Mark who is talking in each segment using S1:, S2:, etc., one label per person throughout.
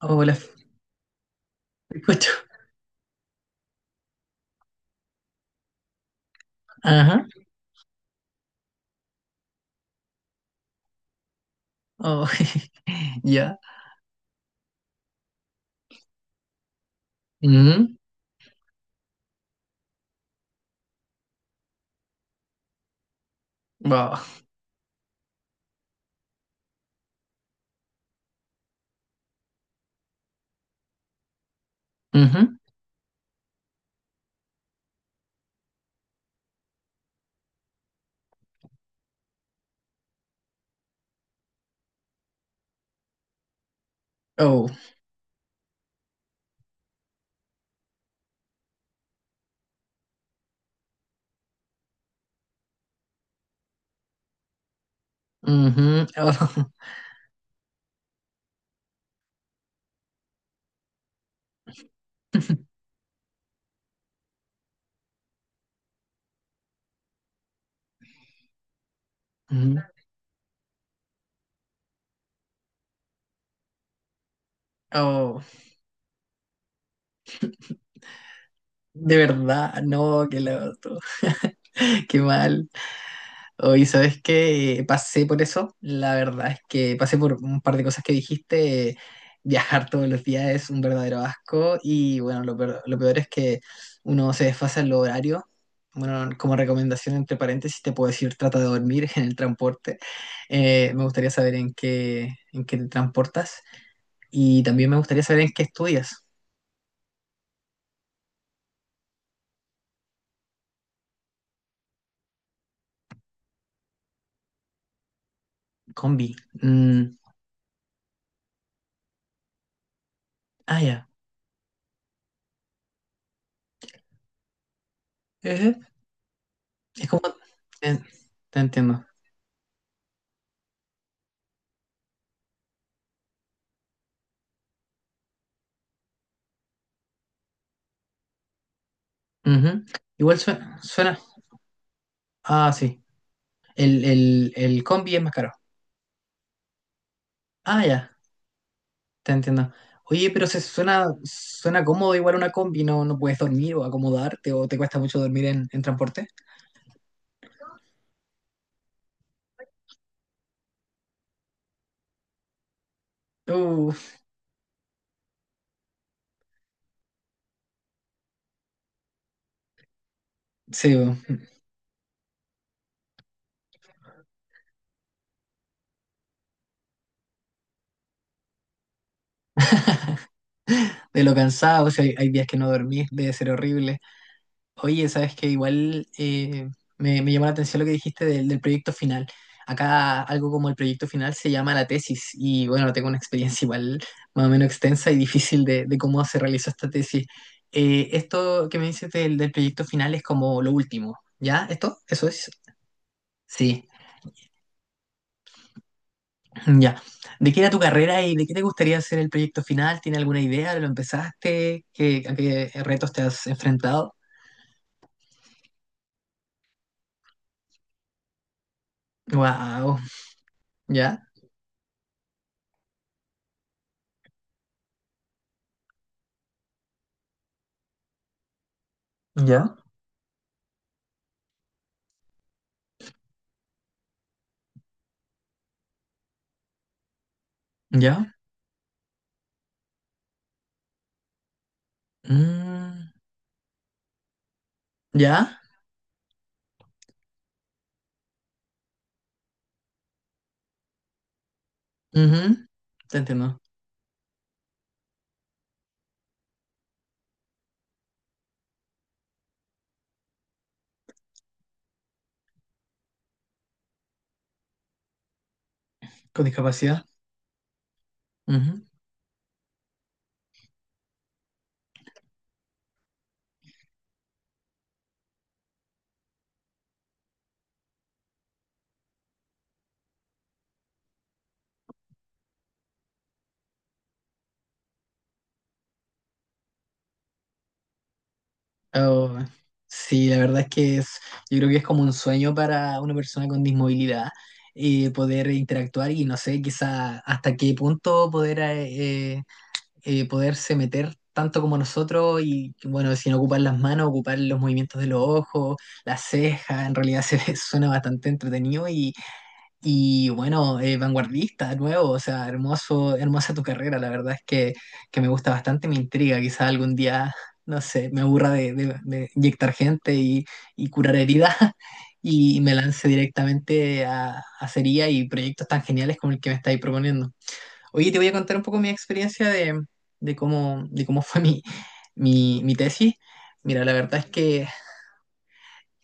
S1: Hola, te escucho. Ajá. Oh, ya. Mhm. Wow. Mhm. Oh. Mhm. Oh. Ujú. Oh. De verdad, no, qué loco. Qué mal. Oye, ¿sabes qué? Pasé por eso. La verdad es que pasé por un par de cosas que dijiste. Viajar todos los días es un verdadero asco y bueno, lo peor es que uno se desfasa en los horarios. Bueno, como recomendación entre paréntesis te puedo decir trata de dormir en el transporte. Me gustaría saber en qué te transportas y también me gustaría saber en qué estudias. Combi. Mm, ah, ya. Ejé. Es como, eh, te entiendo. Ujú. Igual suena. Ah, sí. El combi es más caro. Ah, ya, te entiendo. Oye, pero se suena cómodo igual una combi, no, no puedes dormir o acomodarte o te cuesta mucho dormir en transporte. Uh, sí, bo. De lo cansado, si hay días que no dormís, debe ser horrible. Oye, sabes que igual me llamó la atención lo que dijiste del proyecto final. Acá algo como el proyecto final se llama la tesis y bueno, tengo una experiencia igual más o menos extensa y difícil de cómo se realizó esta tesis. Esto que me dices del proyecto final es como lo último, ¿ya? ¿Esto? ¿Eso es? Sí, mm, ya. ¿De qué era tu carrera y de qué te gustaría hacer el proyecto final? ¿Tiene alguna idea? ¿Lo empezaste? ¿A qué retos te has enfrentado? Wow, ¿ya? ¿Ya? ¿Ya? Mm, ya. Ujú. Te entiendo. Con discapacidad. Ujú. Oh, sí, la verdad es que es, yo creo que es como un sueño para una persona con dismovilidad, poder interactuar y no sé, quizá hasta qué punto poderse meter tanto como nosotros y bueno, sin ocupar las manos, ocupar los movimientos de los ojos, las cejas, en realidad se suena bastante entretenido. Y bueno, vanguardista, nuevo, o sea, hermoso, hermosa tu carrera, la verdad es que me gusta bastante, me intriga, quizá algún día, no sé, me aburra de inyectar gente y curar heridas y me lance directamente a cería y proyectos tan geniales como el que me estáis proponiendo. Oye, te voy a contar un poco mi experiencia de cómo, de cómo fue mi tesis. Mira, la verdad es que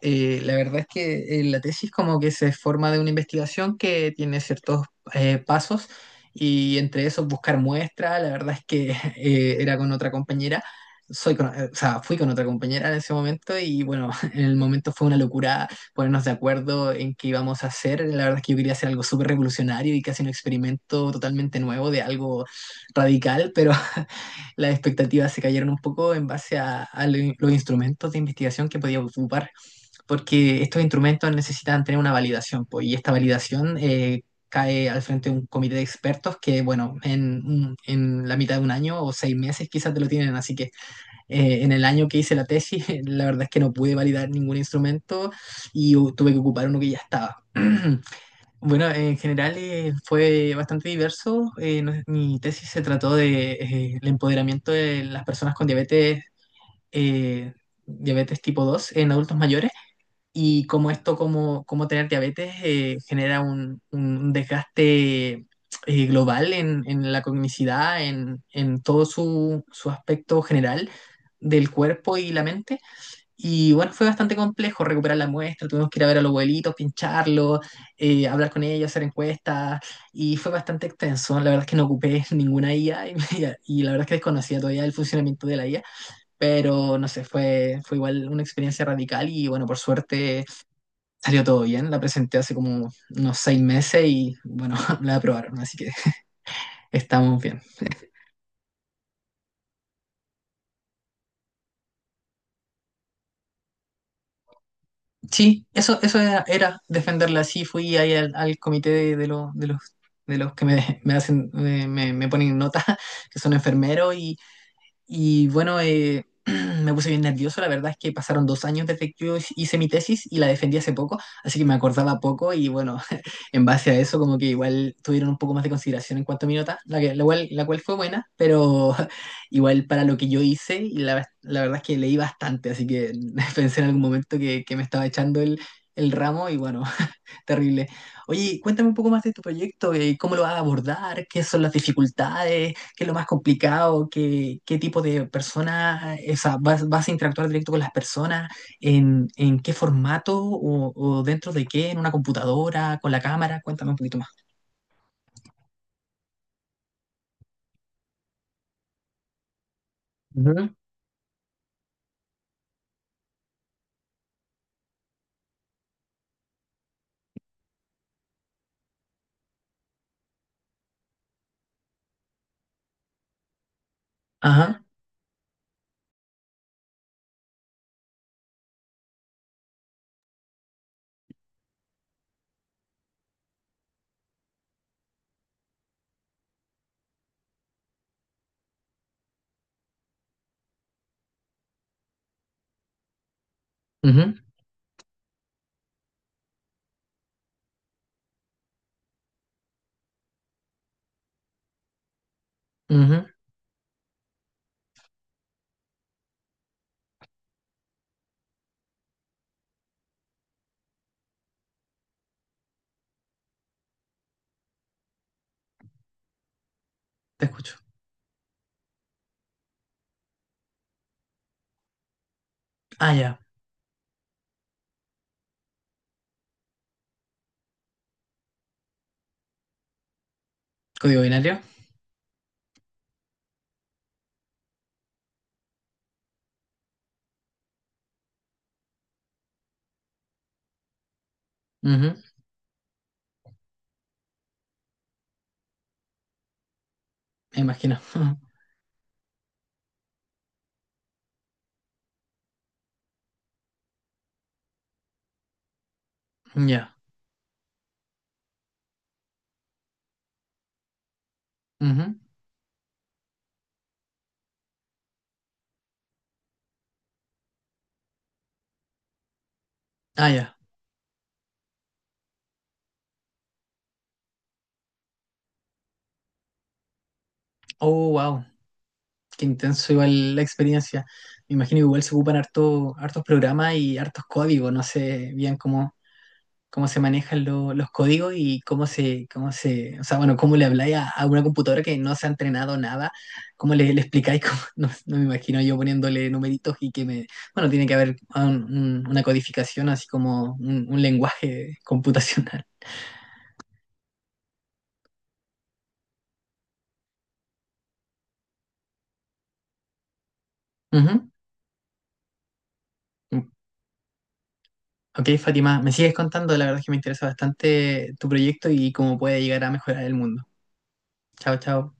S1: la tesis como que se forma de una investigación que tiene ciertos pasos y entre esos buscar muestras, la verdad es que era con otra compañera, o sea, fui con otra compañera en ese momento y bueno, en el momento fue una locura ponernos de acuerdo en qué íbamos a hacer, la verdad es que yo quería hacer algo súper revolucionario y casi un experimento totalmente nuevo de algo radical, pero las expectativas se cayeron un poco en base a los instrumentos de investigación que podía ocupar, porque estos instrumentos necesitan tener una validación, pues, y esta validación cae al frente de un comité de expertos que, bueno, en la mitad de un año o 6 meses quizás te lo tienen, así que en el año que hice la tesis, la verdad es que no pude validar ningún instrumento tuve que ocupar uno que ya estaba. Bueno, en general fue bastante diverso. Mi tesis se trató de el empoderamiento de las personas con diabetes, eh, diabetes tipo 2 en adultos mayores y como esto, como tener diabetes, genera un, desgaste global en la cognicidad, en todo su aspecto general del cuerpo y la mente. Y bueno, fue bastante complejo recuperar la muestra, tuvimos que ir a ver a los abuelitos, pincharlos, hablar con ellos, hacer encuestas, y fue bastante extenso. La verdad es que no ocupé ninguna IA y la verdad es que desconocía todavía el funcionamiento de la IA, pero no sé, fue igual una experiencia radical y bueno, por suerte salió todo bien, la presenté hace como unos 6 meses y bueno, la aprobaron, así que estamos bien. Sí, eso era defenderla así, fui ahí al comité de de los que me hacen, me- me ponen nota, que son enfermeros. Y bueno, me puse bien nervioso. La verdad es que pasaron 2 años desde que yo hice mi tesis y la defendí hace poco, así que me acordaba poco y bueno, en base a eso como que igual tuvieron un poco más de consideración en cuanto a mi nota, la cual fue buena, pero igual para lo que yo hice, y la verdad es que leí bastante, así que pensé en algún momento que me estaba echando el ramo y bueno, terrible. Oye, cuéntame un poco más de tu proyecto, cómo lo vas a abordar, qué son las dificultades, qué es lo más complicado, qué tipo de personas, o sea, vas a interactuar directo con las personas, en qué formato o dentro de qué, en una computadora, con la cámara, cuéntame un poquito más. Ujú. Ajá, ujú, ujú. Te escucho. Ah, ya, código binario. Ujú. Me imagino. Ya. Ujú. Ah, ya. Oh, wow. Qué intenso igual la experiencia. Me imagino que igual se ocupan hartos programas y hartos códigos. No sé bien cómo se manejan los códigos y o sea, bueno, cómo le habláis a una computadora que no se ha entrenado nada, cómo le explicáis, no, no me imagino yo poniéndole numeritos y que me, bueno, tiene que haber una codificación, así como un lenguaje computacional. Ujú. Ok, Fátima, me sigues contando, la verdad es que me interesa bastante tu proyecto y cómo puede llegar a mejorar el mundo. Chao, chao.